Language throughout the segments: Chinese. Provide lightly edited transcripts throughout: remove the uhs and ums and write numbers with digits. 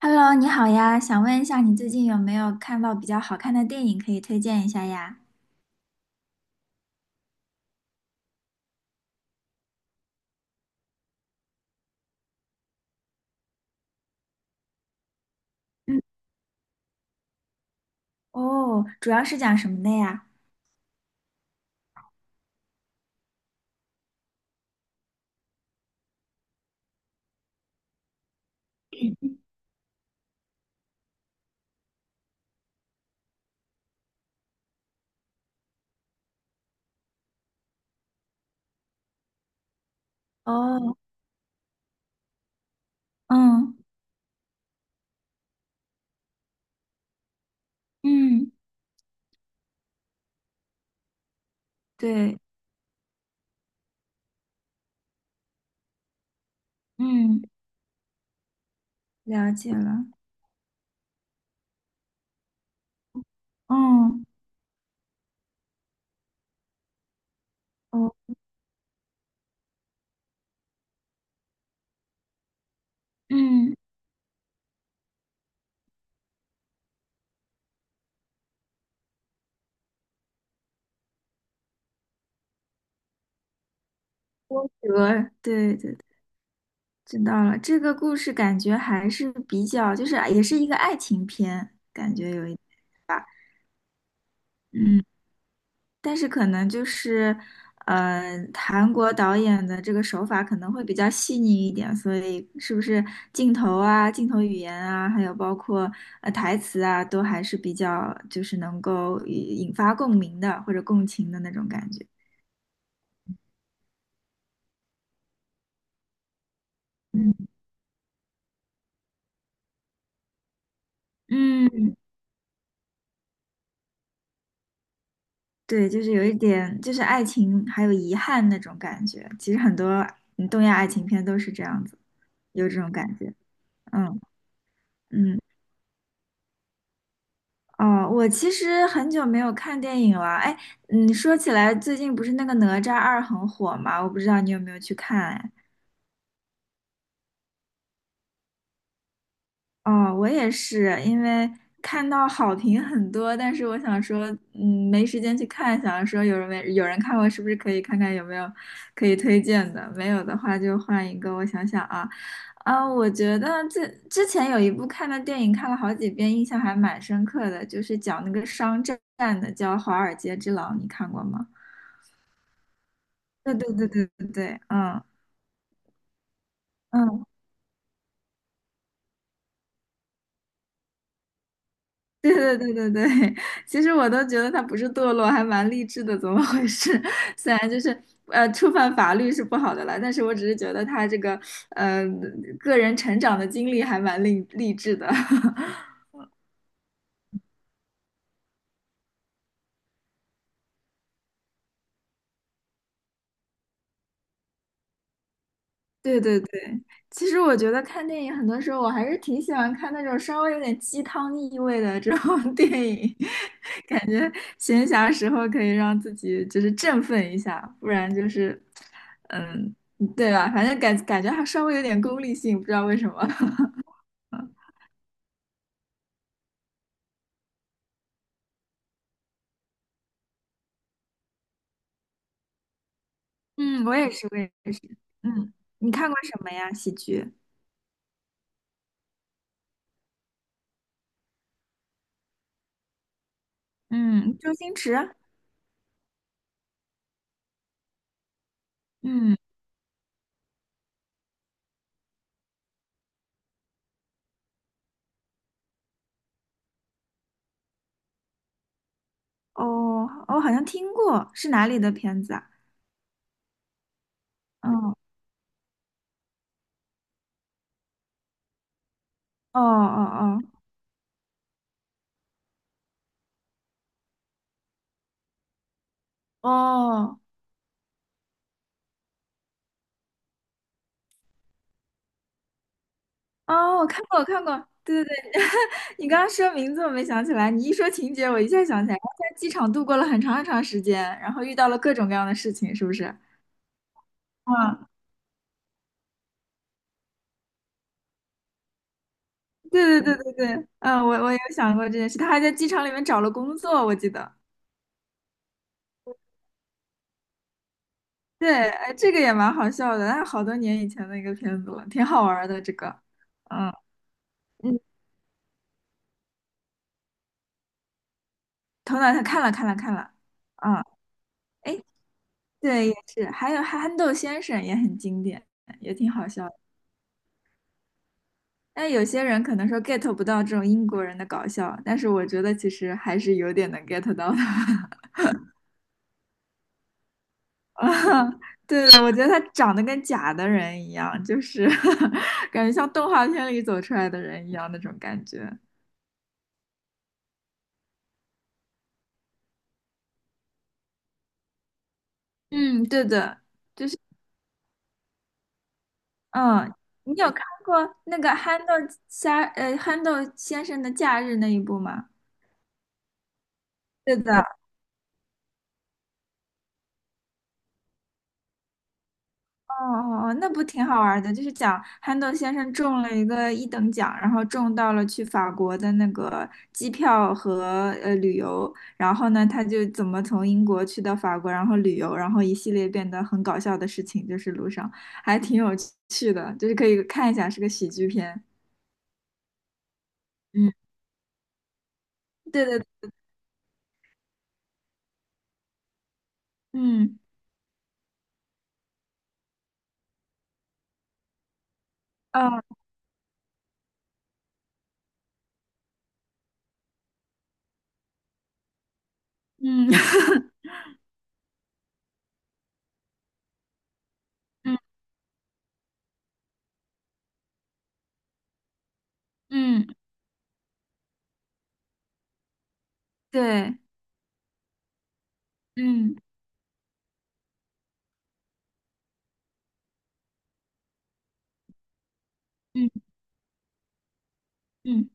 Hello，你好呀，想问一下你最近有没有看到比较好看的电影可以推荐一下呀？嗯。哦，主要是讲什么的呀？哦，嗯嗯，对。嗯，了解了。嗯。哦。嗯。波折，对对，对，知道了。这个故事感觉还是比较，就是也是一个爱情片，感觉有一，嗯。但是可能就是，呃，韩国导演的这个手法可能会比较细腻一点，所以是不是镜头啊、镜头语言啊，还有包括台词啊，都还是比较就是能够引发共鸣的或者共情的那种感觉。嗯。嗯，对，就是有一点就是爱情还有遗憾那种感觉。其实很多嗯东亚爱情片都是这样子，有这种感觉。嗯。嗯。哦，我其实很久没有看电影了。哎，嗯，说起来，最近不是那个《哪吒二》很火吗？我不知道你有没有去看哎。哦，我也是，因为看到好评很多，但是我想说，嗯，没时间去看，想说没有人看过，是不是可以看看有没有可以推荐的？没有的话就换一个。我想想啊。啊，我觉得这之前有一部看的电影，看了好几遍，印象还蛮深刻的，就是讲那个商战的，叫《华尔街之狼》，你看过吗？对对对对对对，嗯。嗯。对对对对对。其实我都觉得他不是堕落，还蛮励志的，怎么回事？虽然就是触犯法律是不好的了，但是我只是觉得他这个呃个人成长的经历还蛮励志的。对对对。其实我觉得看电影很多时候我还是挺喜欢看那种稍微有点鸡汤意味的这种 电影，感觉闲暇时候可以让自己就是振奋一下，不然就是，嗯，对吧？反正感觉还稍微有点功利性，不知道为什么。嗯，我也是，我也是。嗯，你看过什么呀？喜剧？嗯，周星驰。嗯。哦，我好像听过，是哪里的片子啊？哦哦哦哦。哦。哦，我看过，我看过。对对对。你刚刚说名字我没想起来，你一说情节我一下想起来，他在机场度过了很长很长时间，然后遇到了各种各样的事情，是不是？嗯，对对对对对。嗯，我有想过这件事，他还在机场里面找了工作，我记得。对，哎，这个也蛮好笑的，那好多年以前的一个片子了，挺好玩儿的这个。嗯。嗯，头脑他看了，啊。哎，对，也是，还有憨豆先生也很经典，也挺好笑的。但有些人可能说 get 不到这种英国人的搞笑，但是我觉得其实还是有点能 get 到的。对的，我觉得他长得跟假的人一样，就是 感觉像动画片里走出来的人一样那种感觉。嗯，对的，就是嗯。你有看过那个憨豆先生的假日那一部吗？对的。哦哦哦，那不挺好玩儿的？就是讲憨豆先生中了一个一等奖，然后中到了去法国的那个机票和旅游，然后呢，他就怎么从英国去到法国，然后旅游，然后一系列变得很搞笑的事情，就是路上还挺有趣的，就是可以看一下，是个喜剧片。嗯，对对。嗯。哦。嗯。 嗯。嗯，对。嗯。嗯。嗯，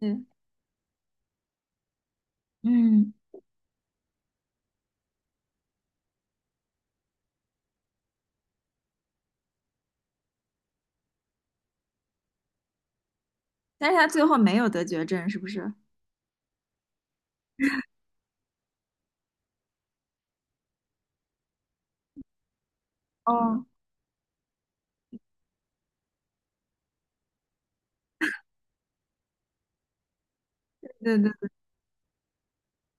对。嗯，但是他最后没有得绝症，是不是？哦。对对，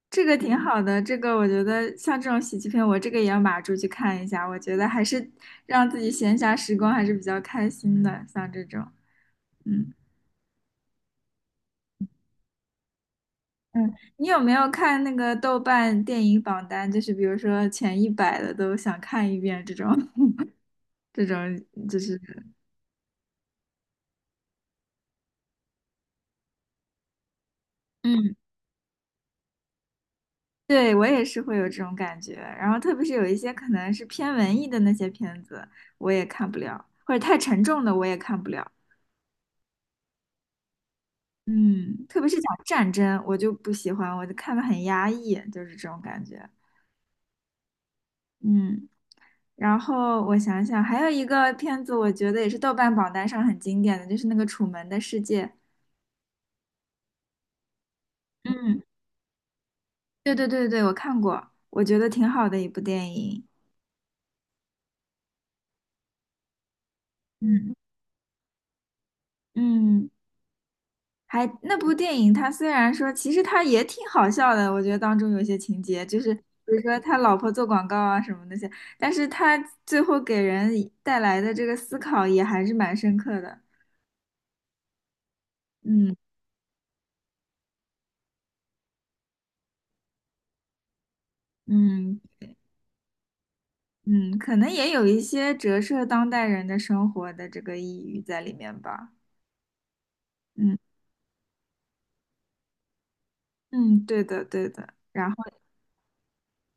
这个挺好的，这个我觉得像这种喜剧片，我这个也要码住去看一下。我觉得还是让自己闲暇时光还是比较开心的，像这种，嗯。嗯。你有没有看那个豆瓣电影榜单？就是比如说前一百的都想看一遍这种，这种就是，嗯，对，我也是会有这种感觉。然后特别是有一些可能是偏文艺的那些片子，我也看不了，或者太沉重的我也看不了。嗯，特别是讲战争，我就不喜欢，我就看的很压抑，就是这种感觉。嗯。然后我想想，还有一个片子，我觉得也是豆瓣榜单上很经典的，就是那个《楚门的世界》。嗯，对对对对，我看过，我觉得挺好的一部电影。嗯。嗯，还那部电影，它虽然说其实它也挺好笑的，我觉得当中有些情节，就是比如说他老婆做广告啊什么那些，但是他最后给人带来的这个思考也还是蛮深刻的。嗯。嗯。嗯，可能也有一些折射当代人的生活的这个抑郁在里面吧。嗯。嗯，对的对的。然后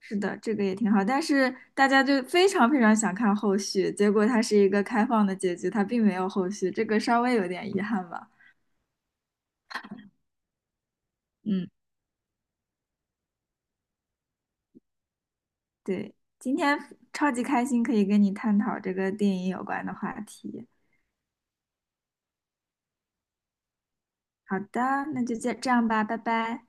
是的，这个也挺好，但是大家就非常非常想看后续，结果它是一个开放的结局，它并没有后续，这个稍微有点遗憾吧。嗯，对。今天超级开心，可以跟你探讨这个电影有关的话题。好的，那就这样吧，拜拜。